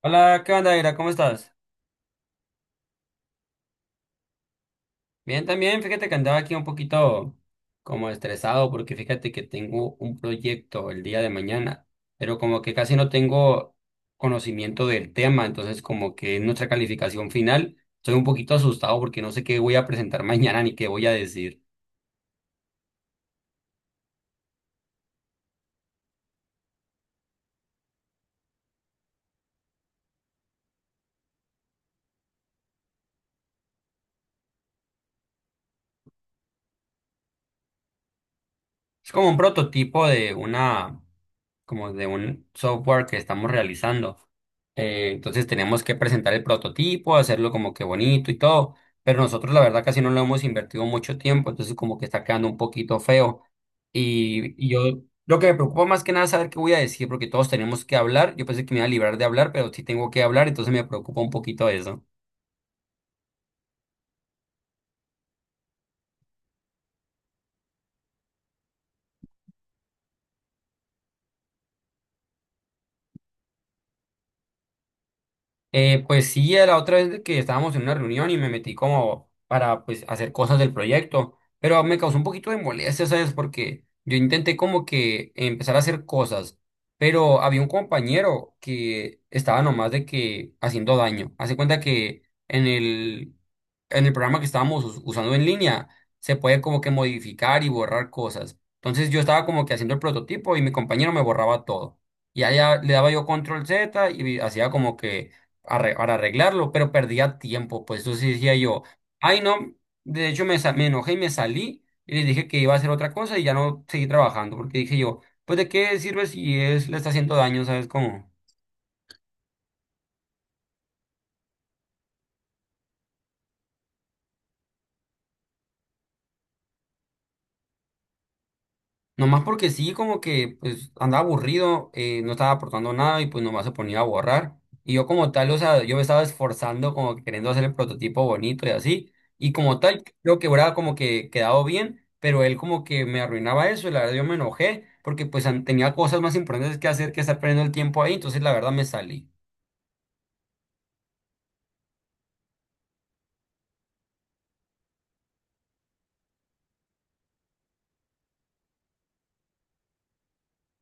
Hola, ¿qué onda, Ira? ¿Cómo estás? Bien, también, fíjate que andaba aquí un poquito como estresado porque fíjate que tengo un proyecto el día de mañana, pero como que casi no tengo conocimiento del tema, entonces como que en nuestra calificación final estoy un poquito asustado porque no sé qué voy a presentar mañana ni qué voy a decir. Es como un prototipo de una como de un software que estamos realizando. Entonces tenemos que presentar el prototipo, hacerlo como que bonito y todo, pero nosotros la verdad casi no lo hemos invertido mucho tiempo, entonces como que está quedando un poquito feo. Y yo lo que me preocupa más que nada es saber qué voy a decir, porque todos tenemos que hablar. Yo pensé que me iba a librar de hablar, pero sí tengo que hablar, entonces me preocupa un poquito eso. Pues sí, la otra vez que estábamos en una reunión y me metí como para pues hacer cosas del proyecto, pero me causó un poquito de molestia, ¿sabes? Porque yo intenté como que empezar a hacer cosas, pero había un compañero que estaba nomás de que haciendo daño. Hace cuenta que en el programa que estábamos usando en línea se puede como que modificar y borrar cosas. Entonces yo estaba como que haciendo el prototipo y mi compañero me borraba todo. Y allá le daba yo control Z y hacía como que para arreglarlo, pero perdía tiempo, pues entonces decía yo, ay no, de hecho me enojé y me salí y les dije que iba a hacer otra cosa y ya no seguí trabajando, porque dije yo, pues de qué sirve si es, le está haciendo daño, ¿sabes cómo? Nomás porque sí, como que pues andaba aburrido, no estaba aportando nada y pues nomás se ponía a borrar. Y yo como tal, o sea, yo me estaba esforzando como que queriendo hacer el prototipo bonito y así. Y como tal, creo que hubiera como que quedado bien, pero él como que me arruinaba eso y la verdad yo me enojé porque pues tenía cosas más importantes que hacer que estar perdiendo el tiempo ahí, entonces la verdad me salí.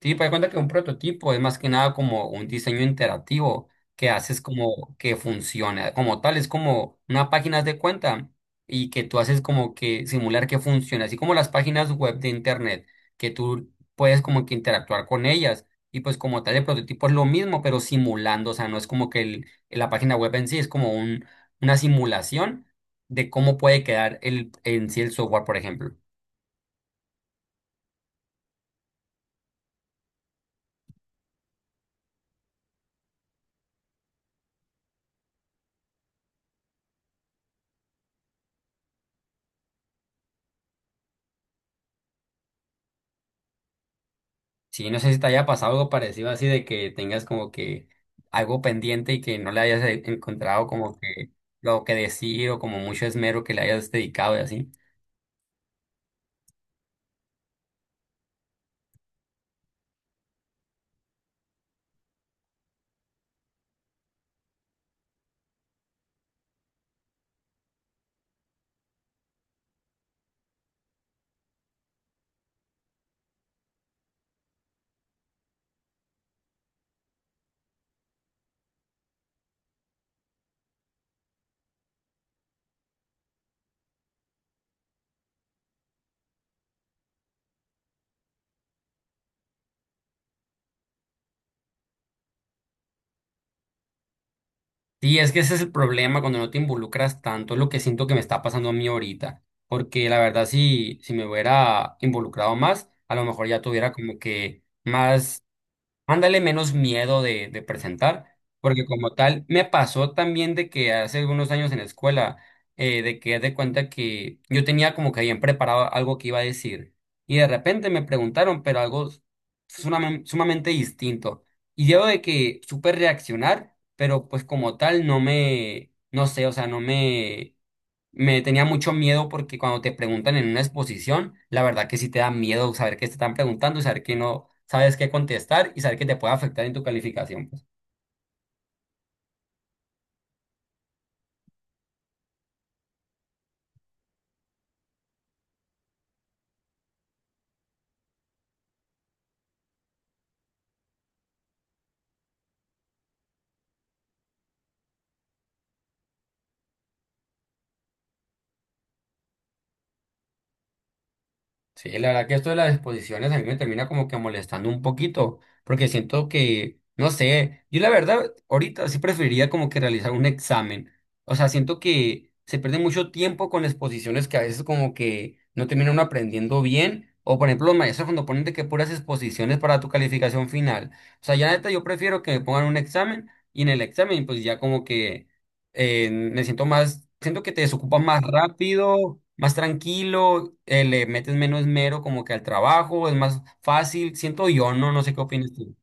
Sí, para cuenta que un prototipo es más que nada como un diseño interactivo que haces como que funcione como tal, es como una página haz de cuenta y que tú haces como que simular que funciona, así como las páginas web de internet, que tú puedes como que interactuar con ellas y pues como tal el prototipo es lo mismo, pero simulando, o sea, no es como que la página web en sí, es como un, una simulación de cómo puede quedar el, en sí el software, por ejemplo. Sí, no sé si te haya pasado algo parecido así de que tengas como que algo pendiente y que no le hayas encontrado como que lo que decir o como mucho esmero que le hayas dedicado y así. Sí, es que ese es el problema cuando no te involucras tanto, es lo que siento que me está pasando a mí ahorita, porque la verdad si, si me hubiera involucrado más, a lo mejor ya tuviera como que más. Ándale menos miedo de presentar, porque como tal, me pasó también de que hace algunos años en la escuela, de que haz de cuenta que yo tenía como que bien preparado algo que iba a decir, y de repente me preguntaron, pero algo sumamente, sumamente distinto, y yo de que supe reaccionar, pero pues como tal no me, no sé, o sea, no me, me tenía mucho miedo porque cuando te preguntan en una exposición, la verdad que sí te da miedo saber qué te están preguntando y saber que no sabes qué contestar y saber que te puede afectar en tu calificación, pues. Sí, la verdad que esto de las exposiciones a mí me termina como que molestando un poquito, porque siento que, no sé, yo la verdad ahorita sí preferiría como que realizar un examen. O sea, siento que se pierde mucho tiempo con exposiciones que a veces como que no terminan uno aprendiendo bien. O por ejemplo, los maestros cuando ponen de que puras exposiciones para tu calificación final. O sea, ya neta yo prefiero que me pongan un examen y en el examen pues ya como que me siento más, siento que te desocupa más rápido, más tranquilo, le metes menos mero como que al trabajo, es más fácil, siento yo, no, no sé qué opinas tú.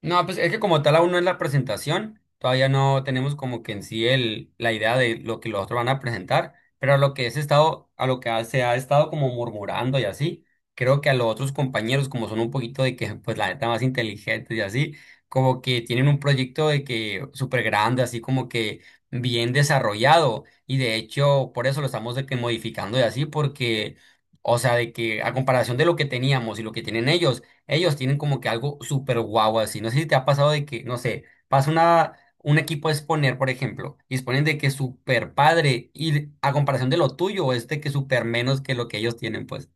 No, pues es que como tal aún no es la presentación, todavía no tenemos como que en sí el, la idea de lo que los otros van a presentar, pero a lo que es estado, a lo que se ha estado como murmurando y así, creo que a los otros compañeros, como son un poquito de que, pues la neta más inteligentes y así, como que tienen un proyecto de que súper grande, así como que bien desarrollado, y de hecho por eso lo estamos de que modificando y así, porque, o sea, de que a comparación de lo que teníamos y lo que tienen ellos, ellos tienen como que algo súper guau así. No sé si te ha pasado de que, no sé, pasa una, un equipo a exponer, por ejemplo, y exponen de que súper padre y a comparación de lo tuyo es de que súper menos que lo que ellos tienen, pues.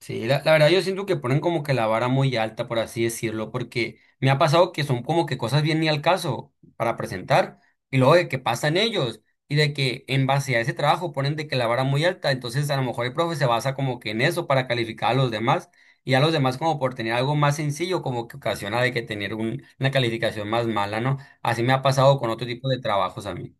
Sí, la verdad yo siento que ponen como que la vara muy alta, por así decirlo, porque me ha pasado que son como que cosas bien ni al caso para presentar, y luego de que pasan ellos, y de que en base a ese trabajo ponen de que la vara muy alta, entonces a lo mejor el profe se basa como que en eso para calificar a los demás, y a los demás como por tener algo más sencillo, como que ocasiona de que tener una calificación más mala, ¿no? Así me ha pasado con otro tipo de trabajos a mí.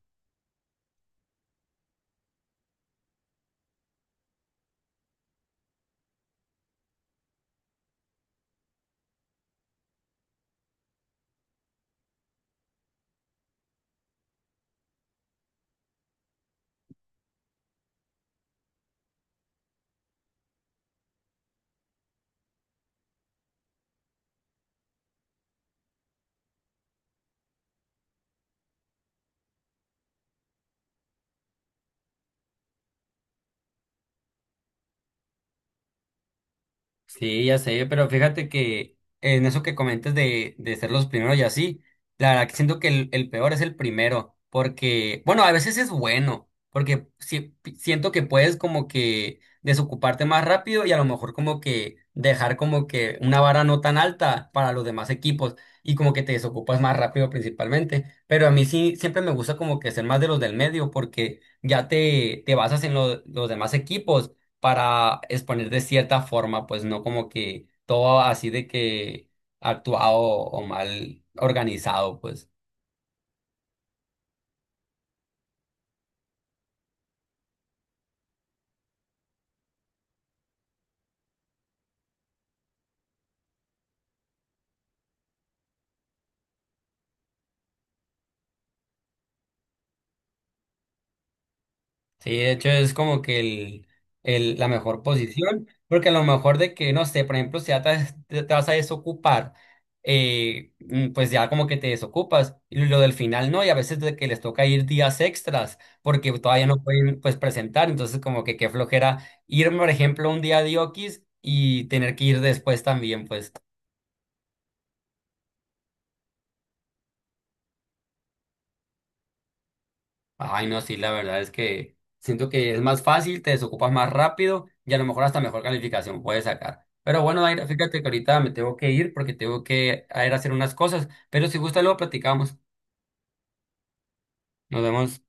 Sí, ya sé, pero fíjate que en eso que comentas de ser los primeros y así, la verdad que siento que el peor es el primero, porque, bueno, a veces es bueno, porque siento que puedes como que desocuparte más rápido y a lo mejor como que dejar como que una vara no tan alta para los demás equipos y como que te desocupas más rápido principalmente, pero a mí sí siempre me gusta como que ser más de los del medio porque ya te basas en los demás equipos para exponer de cierta forma, pues no como que todo así de que actuado o mal organizado, pues. Sí, de hecho es como que el, la mejor posición, porque a lo mejor de que, no sé, por ejemplo, si ya te, te vas a desocupar, pues ya como que te desocupas, y lo del final no, y a veces de que les toca ir días extras, porque todavía no pueden, pues, presentar, entonces como que qué flojera ir, por ejemplo, un día de Oquis y tener que ir después también, pues. Ay, no, sí, la verdad es que siento que es más fácil, te desocupas más rápido y a lo mejor hasta mejor calificación puedes sacar. Pero bueno, Daira, fíjate que ahorita me tengo que ir porque tengo que a ir a hacer unas cosas, pero si gusta luego platicamos. Nos vemos.